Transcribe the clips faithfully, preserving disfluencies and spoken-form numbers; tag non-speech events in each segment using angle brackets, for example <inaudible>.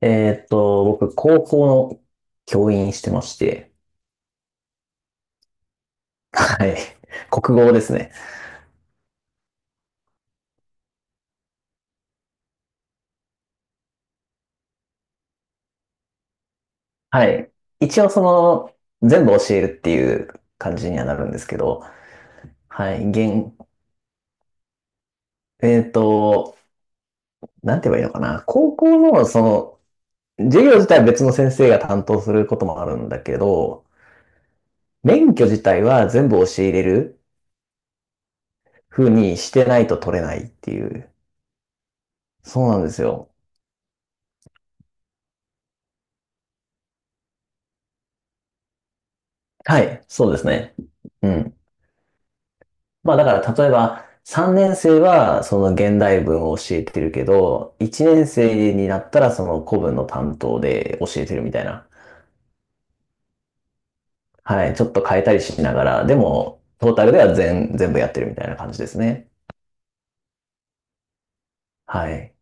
えーっと、僕、高校の教員してまして、はい。<laughs> 国語ですね。はい。一応、その、全部教えるっていう感じにはなるんですけど、はい。現、えーっと、なんて言えばいいのかな。高校の、その、授業自体は別の先生が担当することもあるんだけど、免許自体は全部教えれる風にしてないと取れないっていう。そうなんですよ。はい。そうですね。うん。まあだから例えばさんねん生はその現代文を教えてるけど、いちねん生になったらその古文の担当で教えてるみたいな。はい。ちょっと変えたりしながら、でもトータルでは全、全部やってるみたいな感じですね。はい。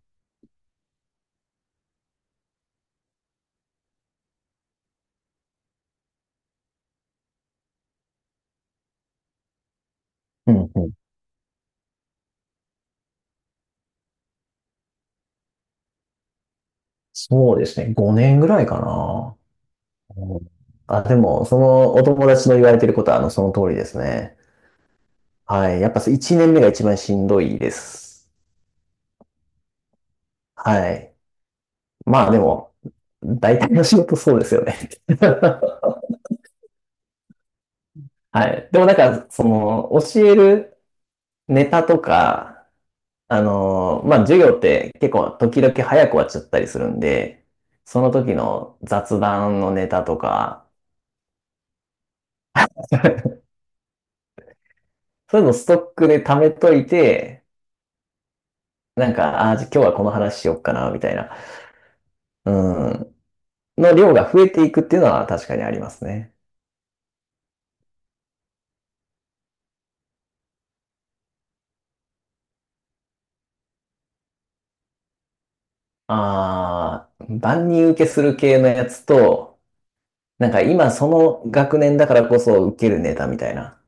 うんうん。そうですね。ごねんぐらいかな。うん。あ、でも、そのお友達の言われてることは、あの、その通りですね。はい。やっぱいちねんめが一番しんどいです。はい。まあでも、大体の仕事そうですよね。<laughs> はい。でもなんか、その、教えるネタとか、あの、まあ、授業って結構時々早く終わっちゃったりするんで、その時の雑談のネタとか、<laughs> そういうのストックで貯めといて、なんか、ああ、じゃあ今日はこの話しよっかな、みたいな、うん、の量が増えていくっていうのは確かにありますね。ああ、万人受けする系のやつと、なんか今その学年だからこそ受けるネタみたいな。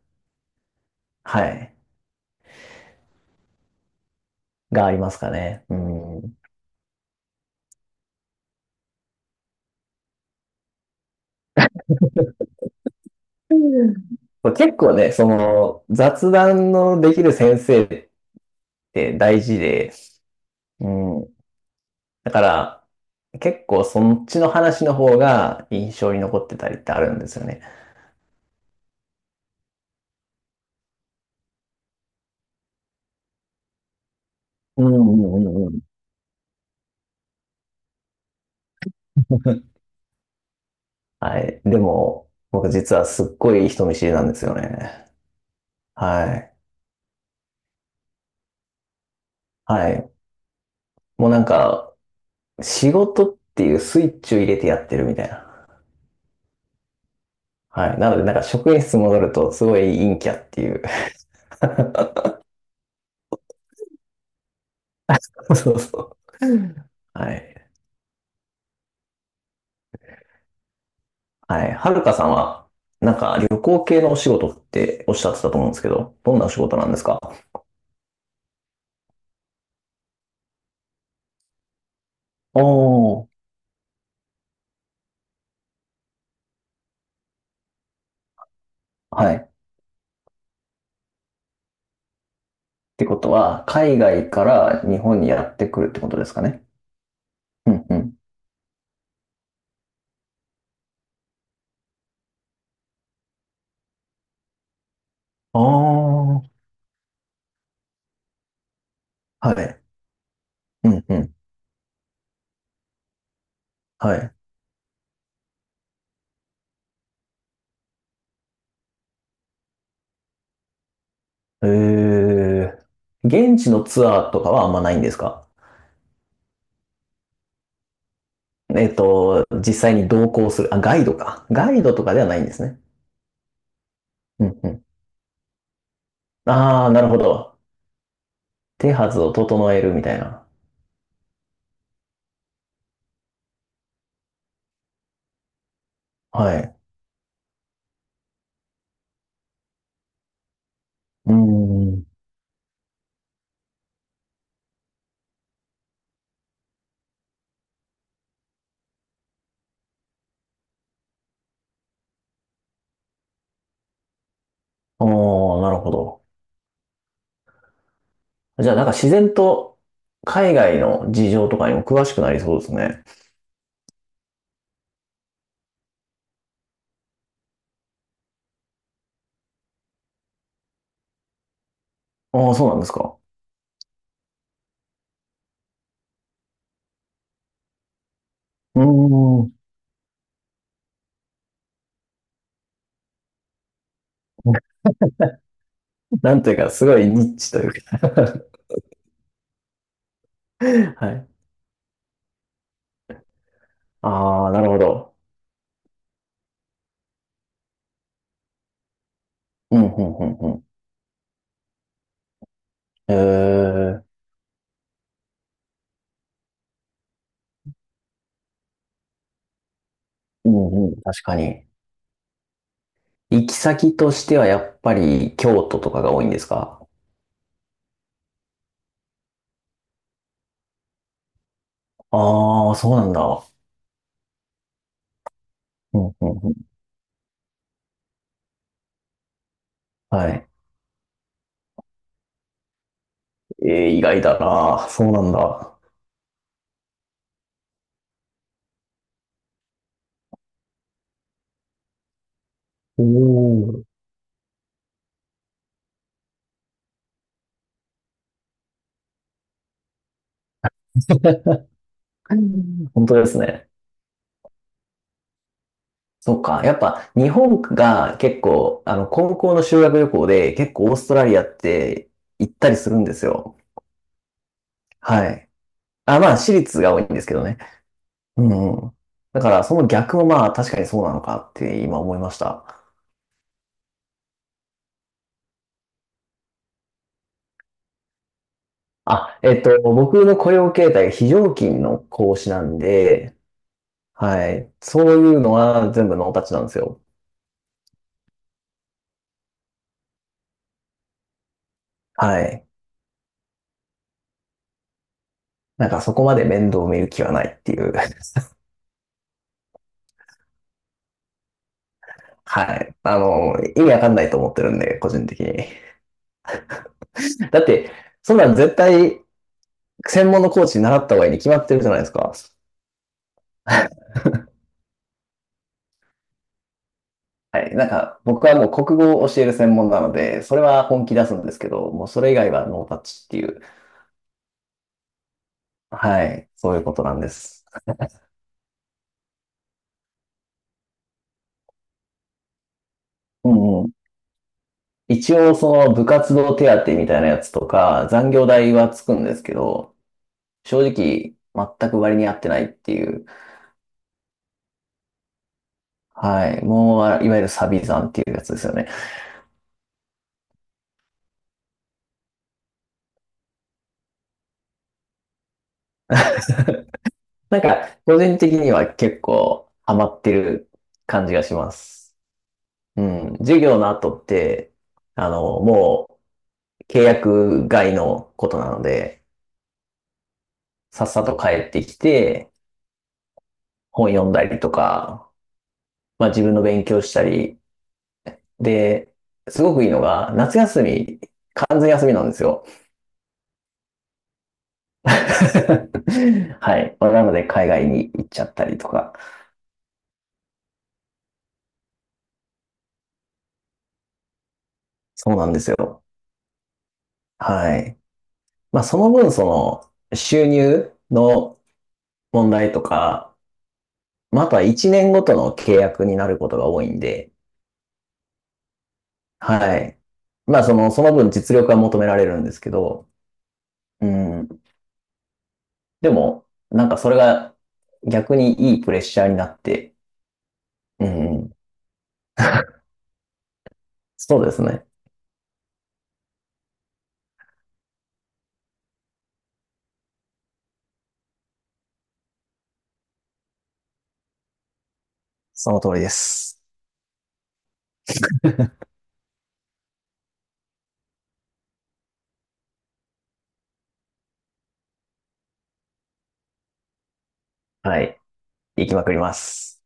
はい。がありますかね。うん。結構ね、その、雑談のできる先生って大事で、うん。だから、結構そっちの話の方が印象に残ってたりってあるんですよね。うんうんうんうん。はい。でも、僕実はすっごい人見知りなんですよね。はい。はい。もうなんか、仕事っていうスイッチを入れてやってるみたいな。はい。なので、なんか職員室戻るとすごい陰キャっていう。<laughs> そうそう。はい。はい。はるかさんは、なんか旅行系のお仕事っておっしゃってたと思うんですけど、どんなお仕事なんですか？おー。はい。ってことは、海外から日本にやってくるってことですかね。うんうん。ああ、はい。うんうん。はい。えー、現地のツアーとかはあんまないんですか？えっと、実際に同行する、あ、ガイドか。ガイドとかではないんですね。うんうん。ああ、なるほど。手はずを整えるみたいな。はい。うーん。おー、なるほど。じゃあなんか自然と海外の事情とかにも詳しくなりそうですね。ああ、そうなんですか。うーん。<laughs> なんというか、すごいニッチというか。 <laughs> はい。ああ、なるほど。うん、うん、うん、うん。えー、うん、うん、確かに。行き先としてはやっぱり京都とかが多いんですか？ああー、そうなんだ。うん、うん、うん。はい。えー、意外だな。そうなんだ。おー。本当ですね。そうか。やっぱ日本が結構、あの、高校の修学旅行で結構オーストラリアって行ったりするんですよ。はい。あ、まあ、私立が多いんですけどね。うんうん。だから、その逆もまあ、確かにそうなのかって今思いました。あ、えっと、僕の雇用形態が非常勤の講師なんで、はい。そういうのは全部ノータッチなんですよ。はい。なんかそこまで面倒見る気はないっていう。<laughs> はい。あの、意味わかんないと思ってるんで、個人的に。だって、そんなん絶対専門のコーチに習った方がいいに決まってるじゃないですか。はい。なんか、僕はもう国語を教える専門なので、それは本気出すんですけど、もうそれ以外はノータッチっていう、はい、そういうことなんです。うんうん。一応、その部活動手当みたいなやつとか、残業代はつくんですけど、正直、全く割に合ってないっていう、はい、もう、いわゆるサビ残っていうやつですよね。なんか、個人的には結構ハマってる感じがします。うん、授業の後って、あの、もう契約外のことなので、さっさと帰ってきて、本読んだりとか、まあ自分の勉強したり、で、すごくいいのが、夏休み、完全休みなんですよ。<laughs> はい。まあなので、海外に行っちゃったりとか、そうなんですよ。はい。まあその分、その、収入の問題とか、まあ、あとはいちねんごとの契約になることが多いんで、はい。まあ、その、その分実力は求められるんですけど、うん。でも、なんかそれが逆にいいプレッシャーになって、うん。そうですね。その通りです。はい。行きまくります。